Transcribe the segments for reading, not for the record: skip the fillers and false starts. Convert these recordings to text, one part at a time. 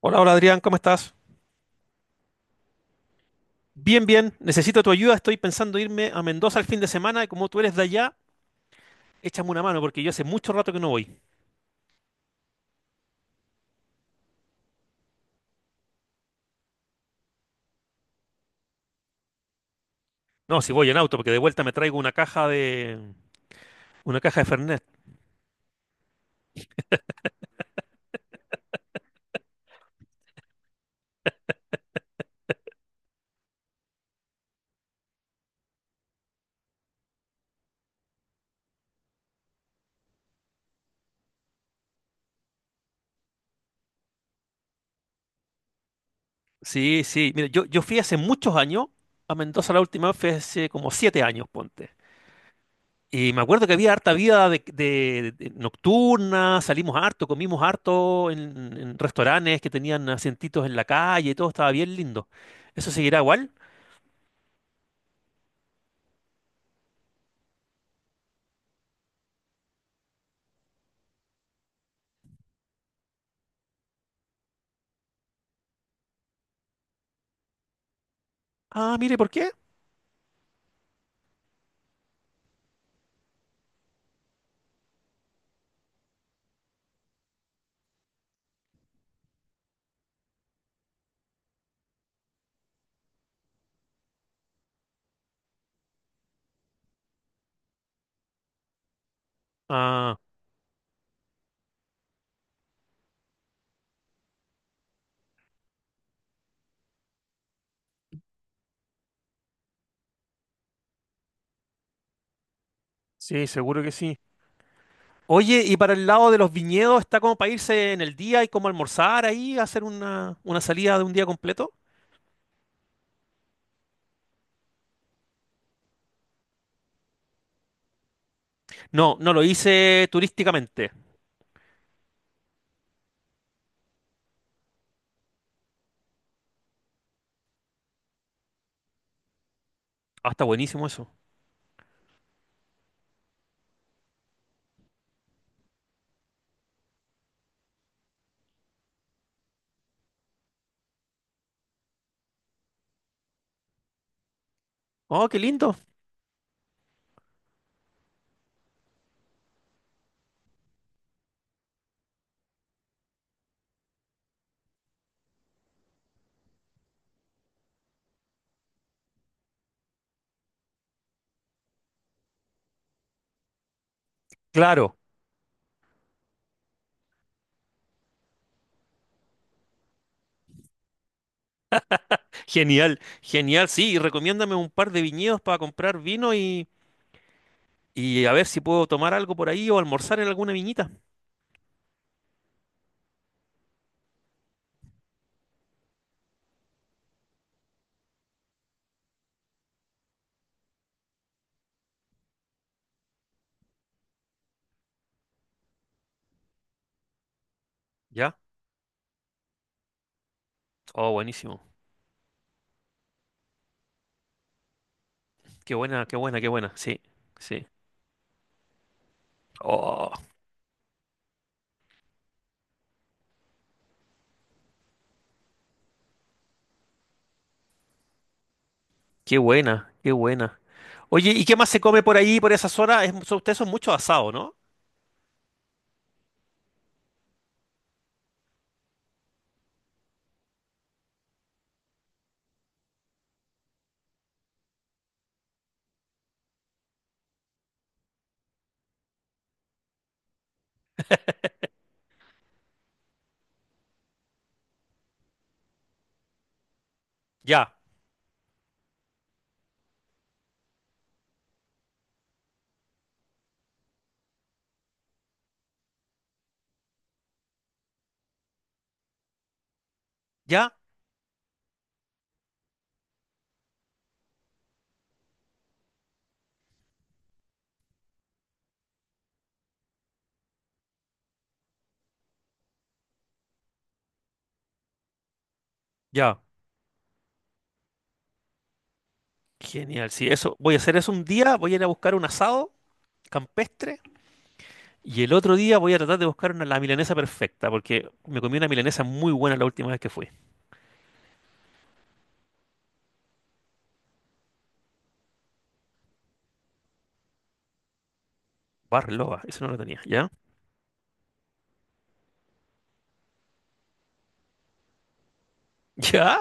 Hola, hola Adrián, ¿cómo estás? Bien, bien, necesito tu ayuda, estoy pensando irme a Mendoza el fin de semana y como tú eres de allá, échame una mano porque yo hace mucho rato que no voy. No, si voy en auto, porque de vuelta me traigo una caja de Fernet. Sí, sí, mira, yo fui hace muchos años a Mendoza la última vez, fue hace como 7 años, ponte. Y me acuerdo que había harta vida de nocturna, salimos harto, comimos harto en restaurantes que tenían asientitos en la calle, todo estaba bien lindo. ¿Eso seguirá igual? Ah, mire, ¿por qué? Ah, sí, seguro que sí. Oye, y para el lado de los viñedos, ¿está como para irse en el día y como almorzar ahí, hacer una salida de un día completo? No, no lo hice turísticamente. Ah, está buenísimo eso. Oh, qué lindo. Claro, genial, genial, sí. Y recomiéndame un par de viñedos para comprar vino y a ver si puedo tomar algo por ahí o almorzar en alguna viñita. ¿Ya? Oh, buenísimo. Qué buena, qué buena, qué buena. Sí, sí. Oh. Qué buena, qué buena. Oye, ¿y qué más se come por ahí, por esa zona? Es, son- ustedes son mucho asado, ¿no? Ya, ya, ya. Genial, sí, eso. Voy a hacer eso un día, voy a ir a buscar un asado campestre y el otro día voy a tratar de buscar la milanesa perfecta, porque me comí una milanesa muy buena la última vez que fui. Barloba, eso no lo tenía, ¿ya? ¿Ya?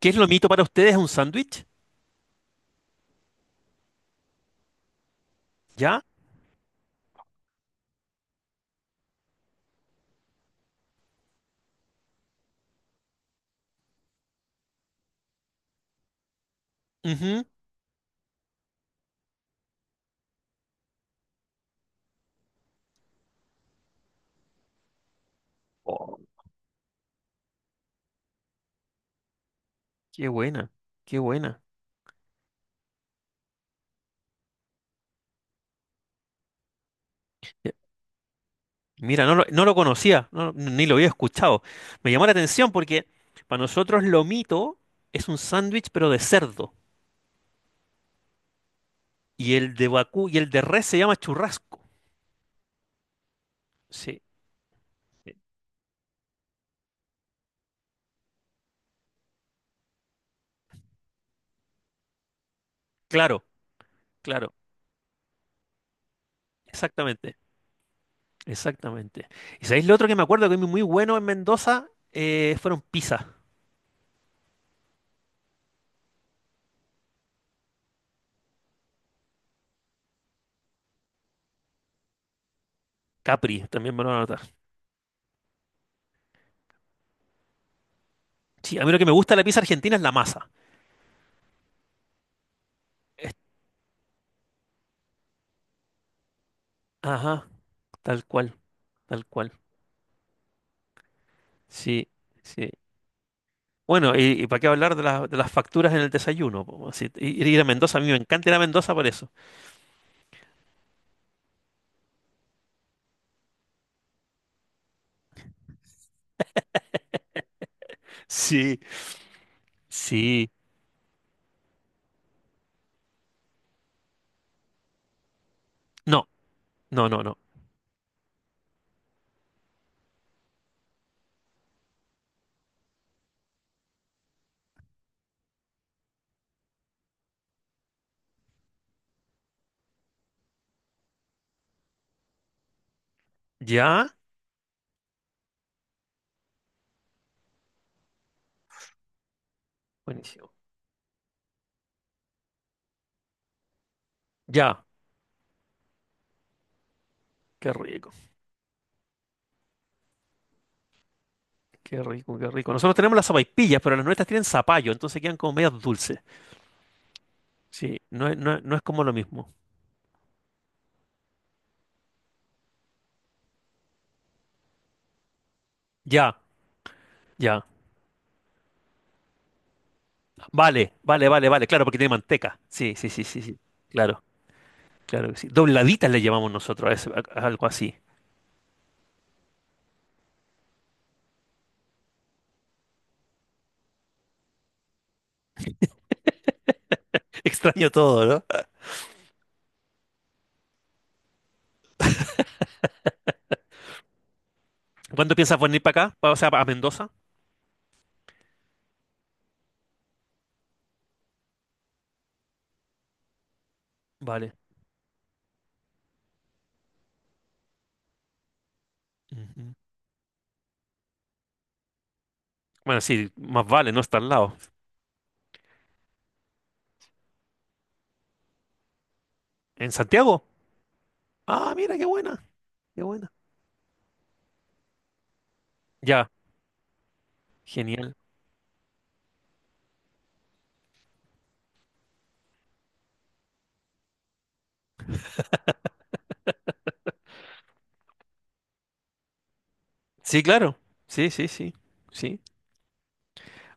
¿Qué es lo mito para ustedes? ¿Un sándwich? ¿Ya? Ujú. Oh, qué buena, qué buena. Mira, no lo conocía, no- ni lo había escuchado. Me llamó la atención porque para nosotros lo mito es un sándwich pero de cerdo y el de vacú y el de res se llama churrasco. Sí, eh, claro, claro, exactamente, exactamente. ¿Y sabéis lo otro que me acuerdo que es muy bueno en Mendoza? Fueron pizzas. Capri, también me lo van a anotar. Sí, a mí lo que me gusta de la pizza argentina es la masa. Ajá, tal cual, tal cual. Sí, sí. Bueno, y para qué hablar de, la- de las facturas en el desayuno. Po, si- ir a Mendoza, a mí me encanta ir a Mendoza por eso. Sí, sí. No, no, no, no. Ya, buenísimo. Ya, qué rico, qué rico, qué rico. Nosotros tenemos las sopaipillas, pero las nuestras tienen zapallo, entonces quedan como medias dulces. Sí, no, es- no, es- no es como lo mismo. Ya, ya. Vale, vale, vale, vale. Claro, porque tiene manteca. Sí, sí, sí, sí, sí. Claro, claro que sí. Dobladitas le llamamos nosotros a, ese- a algo así. Extraño todo, ¿no? ¿Cuándo piensas venir para acá? Pa- O sea, a Mendoza. Vale. Ujú. Bueno, sí, más vale, no está al lado. ¿En Santiago? Ah, mira, qué buena, qué buena. Ya, genial. Sí, claro. Sí, sí, sí, sí.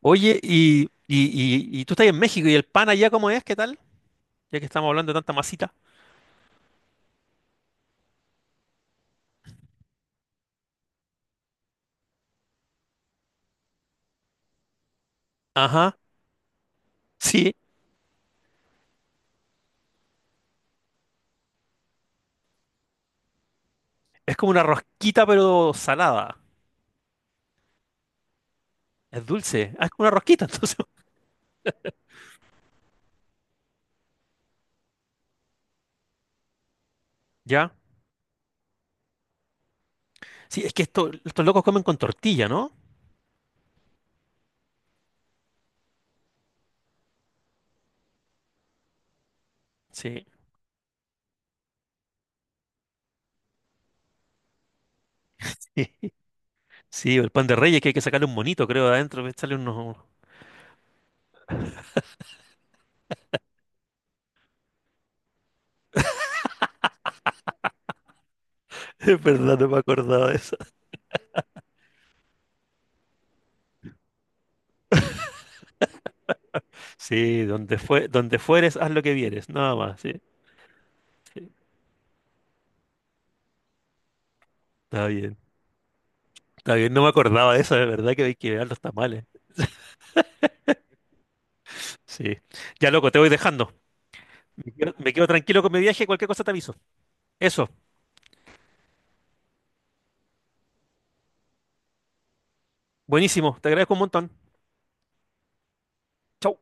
Oye, y tú estás en México y el pan allá, ¿cómo es? ¿Qué tal? Ya que estamos hablando de tanta masita. Ajá, sí. Es como una rosquita, pero salada. Es dulce. Ah, es como una rosquita, entonces. Ya. Sí, es que esto, estos locos comen con tortilla, ¿no? Sí. Sí, el pan de reyes que hay que sacarle un monito, creo, de adentro, echarle unos, Es verdad, no me acordaba de eso. Sí, donde fue, donde fueres, haz lo que vieres, nada más, sí, sí, está bien. Está bien, no me acordaba de eso, de verdad que hay que ver los tamales. Sí. Ya, loco, te voy dejando. Me quedo tranquilo con mi viaje, cualquier cosa te aviso. Eso, buenísimo, te agradezco un montón. Chau.